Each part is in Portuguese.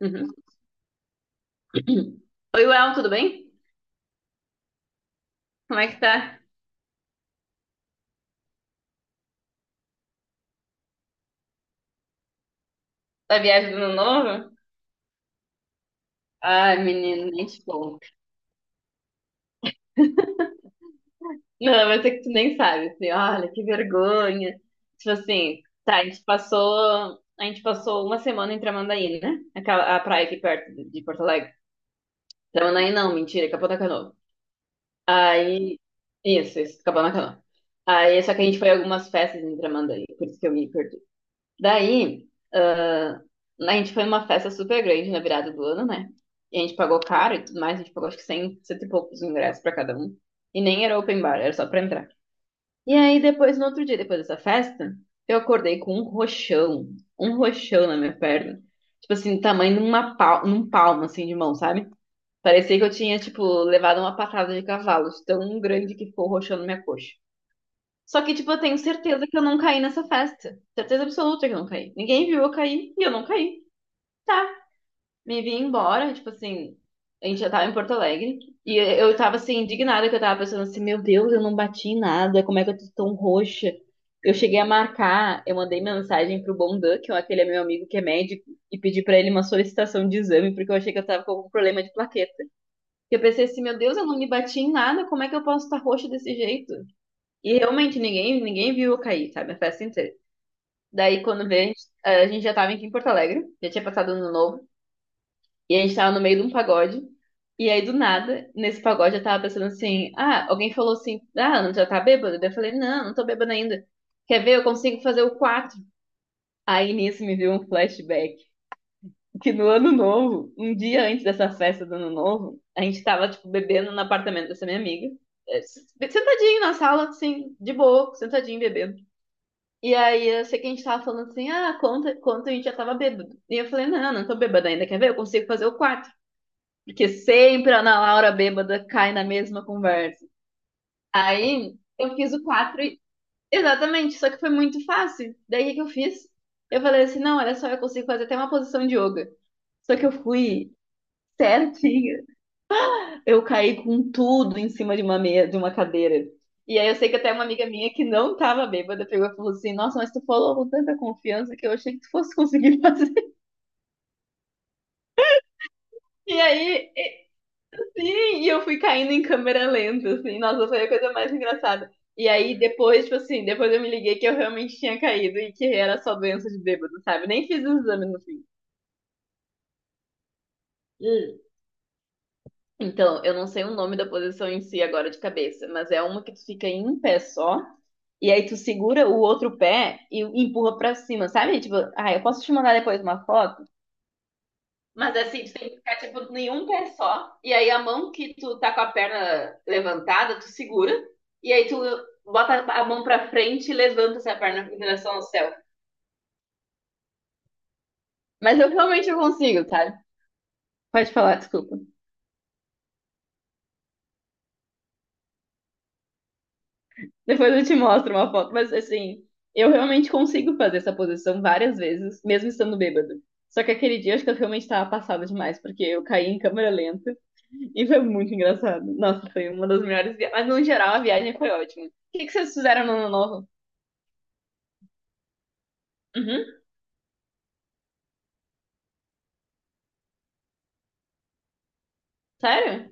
Uhum. Oi, Well, tudo bem? Como é que tá? Tá viagem do ano novo? Ai, menino, nem te conto. Não, mas é que tu nem sabe, assim, olha, que vergonha. Tipo assim, tá, a gente passou uma semana em Tramandaí, né? Aquela, a praia aqui perto de Porto Alegre. Tramandaí não, mentira, Capão da Canoa. Aí, isso, Capão da Canoa. Aí, só que a gente foi a algumas festas em Tramandaí, por isso que eu me perdi. Daí, ah, a gente foi numa festa super grande na virada do ano, né? E a gente pagou caro e tudo mais, a gente pagou acho que 100, cento e poucos ingressos pra cada um. E nem era open bar, era só pra entrar. E aí, depois, no outro dia, depois dessa festa, eu acordei com um roxão na minha perna. Tipo assim, tamanho de uma pal num palmo, assim, de mão, sabe? Parecia que eu tinha, tipo, levado uma patada de cavalo, de tão grande que ficou o roxão na minha coxa. Só que, tipo, eu tenho certeza que eu não caí nessa festa. Certeza absoluta que eu não caí. Ninguém viu eu cair e eu não caí. Tá, me vi embora, tipo assim, a gente já tava em Porto Alegre. E eu tava assim, indignada, que eu tava pensando assim, meu Deus, eu não bati em nada, como é que eu tô tão roxa? Eu cheguei a marcar, eu mandei mensagem pro Bondan, que é aquele meu amigo que é médico, e pedi pra ele uma solicitação de exame, porque eu achei que eu tava com algum problema de plaqueta. Eu pensei assim, meu Deus, eu não me bati em nada, como é que eu posso estar roxa desse jeito? E realmente ninguém, ninguém viu eu cair, sabe? A festa inteira. Daí quando veio, a gente já tava aqui em Porto Alegre, já tinha passado ano novo, e a gente tava no meio de um pagode. E aí do nada, nesse pagode eu tava pensando assim: ah, alguém falou assim, ah, não já tá bêbado? Daí eu falei: não, não tô bêbado ainda. Quer ver? Eu consigo fazer o 4? Aí nisso me veio um flashback que no ano novo, um dia antes dessa festa do ano novo, a gente tava tipo bebendo no apartamento dessa minha amiga. Sentadinho na sala, assim, de boa, sentadinho bebendo. E aí eu sei que a gente tava falando assim, ah, conta, conta, a gente já tava bêbado. E eu falei, não, não, não tô bêbada ainda, quer ver? Eu consigo fazer o quarto. Porque sempre a Ana Laura bêbada cai na mesma conversa. Aí eu fiz o quatro, exatamente, só que foi muito fácil. Daí o que que eu fiz? Eu falei assim, não, olha só, eu consigo fazer até uma posição de yoga. Só que eu fui certinha. Eu caí com tudo em cima de uma meia, de uma cadeira. E aí eu sei que até uma amiga minha que não tava bêbada pegou e falou assim: Nossa, mas tu falou com tanta confiança que eu achei que tu fosse conseguir fazer. E aí, sim, e eu fui caindo em câmera lenta, assim. Nossa, foi a coisa mais engraçada. E aí depois, tipo assim, depois eu me liguei que eu realmente tinha caído e que era só doença de bêbado, sabe? Nem fiz o exame no fim. Hum. Então, eu não sei o nome da posição em si agora de cabeça, mas é uma que tu fica em um pé só. E aí tu segura o outro pé e empurra pra cima, sabe? Tipo, ah, eu posso te mandar depois uma foto? Mas assim, tu tem que ficar, tipo, nenhum pé só. E aí a mão que tu tá com a perna levantada, tu segura. E aí tu bota a mão pra frente e levanta essa perna em direção ao céu. Mas eu realmente não consigo, tá? Pode falar, desculpa. Depois eu te mostro uma foto. Mas assim, eu realmente consigo fazer essa posição várias vezes, mesmo estando bêbado. Só que aquele dia acho que eu realmente tava passada demais, porque eu caí em câmera lenta. E foi muito engraçado. Nossa, foi uma das melhores viagens. Mas no geral a viagem foi ótima. O que que vocês fizeram no ano novo? Uhum. Sério?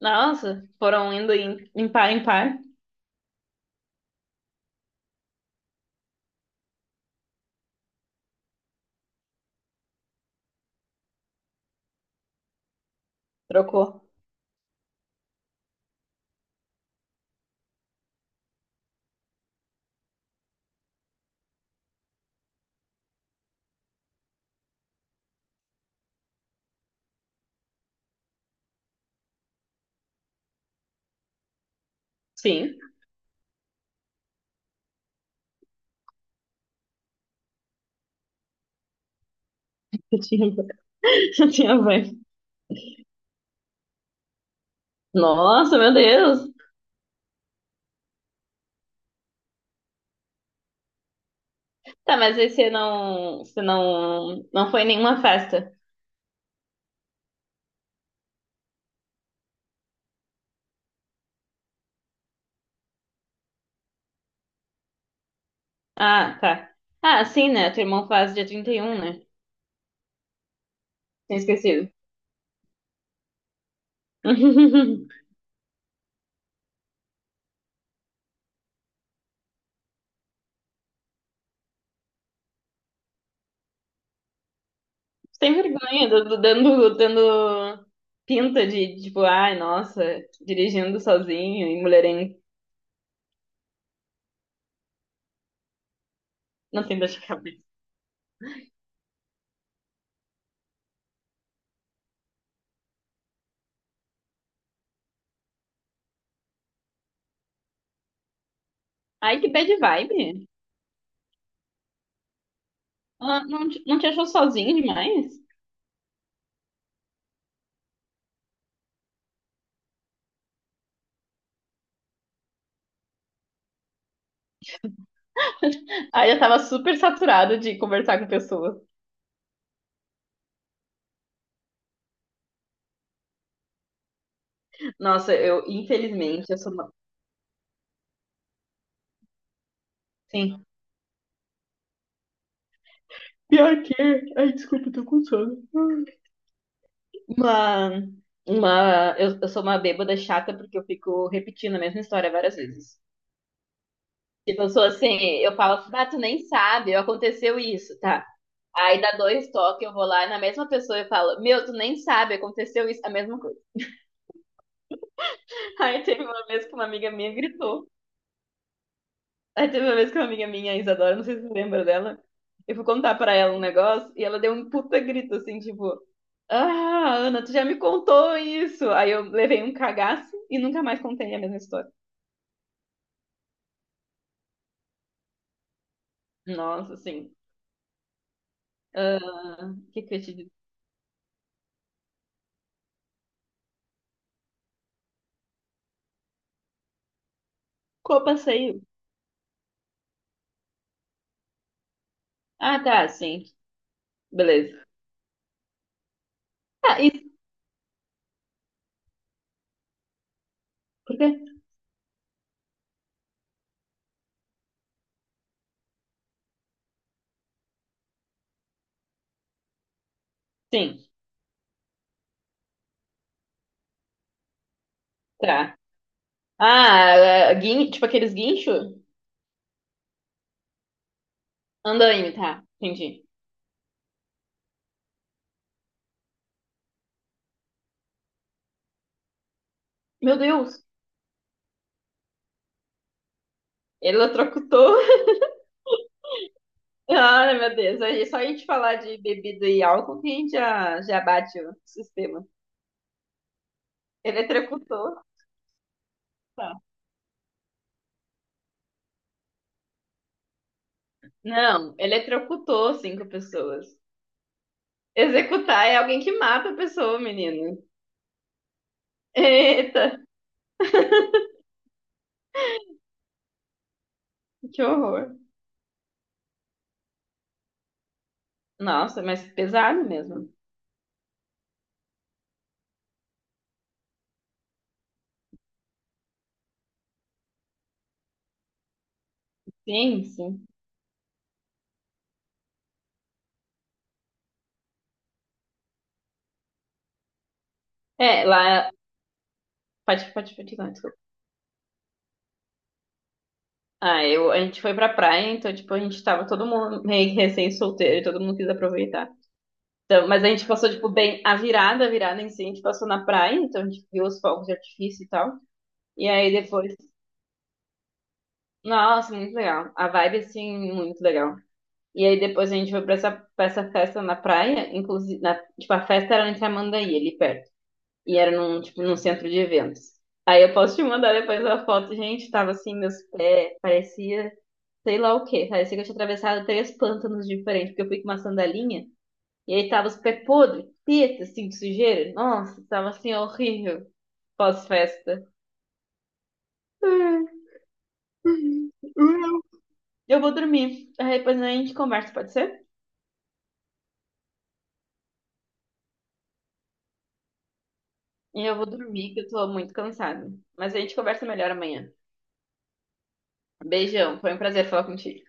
Nossa, foram indo em, par em par. Trocou. Sim. Eu tinha, eu tinha vai. Nossa, meu Deus. Tá, mas aí você não, não foi em nenhuma festa. Ah, tá. Ah, sim, né? Teu irmão faz dia 31, né? Tinha esquecido. Sem vergonha, dando pinta de, tipo, ai, nossa, dirigindo sozinho e mulherengo. Não tem dor de cabeça. Ai, que bad vibe. Ela não, te- Não te achou sozinho demais? Ai, eu tava super saturada de conversar com pessoas. Nossa, eu, infelizmente, eu sou uma... Sim. Pior que... Ai, desculpa, eu tô com sono. Uma... Uma... Eu sou uma bêbada chata porque eu fico repetindo a mesma história várias vezes. Tipo, eu sou assim, eu falo, ah, tu nem sabe, aconteceu isso, tá? Aí dá dois toques, eu vou lá na mesma pessoa e falo, meu, tu nem sabe, aconteceu isso, a mesma coisa. Aí teve uma vez que uma amiga minha gritou. Aí teve uma vez que uma amiga minha, a Isadora, não sei se você lembra dela, eu fui contar pra ela um negócio e ela deu um puta grito, assim, tipo, ah, Ana, tu já me contou isso. Aí eu levei um cagaço e nunca mais contei a mesma história. Nossa, assim, ah, o que que eu te digo? Copa saiu. Ah, tá, sim, beleza. Ah, isso, porque... Sim, tá. Ah, é, tipo aqueles guincho? Andaime, tá. Entendi. Meu Deus, eletrocutou. Ah, meu Deus. Só a gente falar de bebida e álcool que a gente já, já bate o sistema. Eletrocutou. Tá. Não, eletrocutou cinco pessoas. Executar é alguém que mata a pessoa, menino. Eita, que horror. Nossa, mas pesado mesmo. Sim, sim. É, lá. Pode, pode, pode, desculpa. Ah, a gente foi pra praia, então, tipo, a gente tava todo mundo meio que recém-solteiro, e todo mundo quis aproveitar. Então, mas a gente passou, tipo, bem a virada em si, a gente passou na praia, então a gente viu os fogos de artifício e tal. E aí depois, nossa, muito legal. A vibe, assim, muito legal. E aí depois a gente foi pra essa, festa na praia, inclusive, tipo, a festa era em Tramandaí, ali perto. E era num centro de eventos. Aí eu posso te mandar depois a foto, gente, tava assim, meus pés, parecia sei lá o quê, parecia que eu tinha atravessado três pântanos diferentes, porque eu fui com uma sandalinha, e aí tava os pés podres, teta, assim, de sujeira. Nossa, tava assim, horrível, pós-festa. Ai, eu vou dormir. Aí depois a gente conversa, pode ser? E eu vou dormir, que eu tô muito cansada. Mas a gente conversa melhor amanhã. Beijão, foi um prazer falar contigo.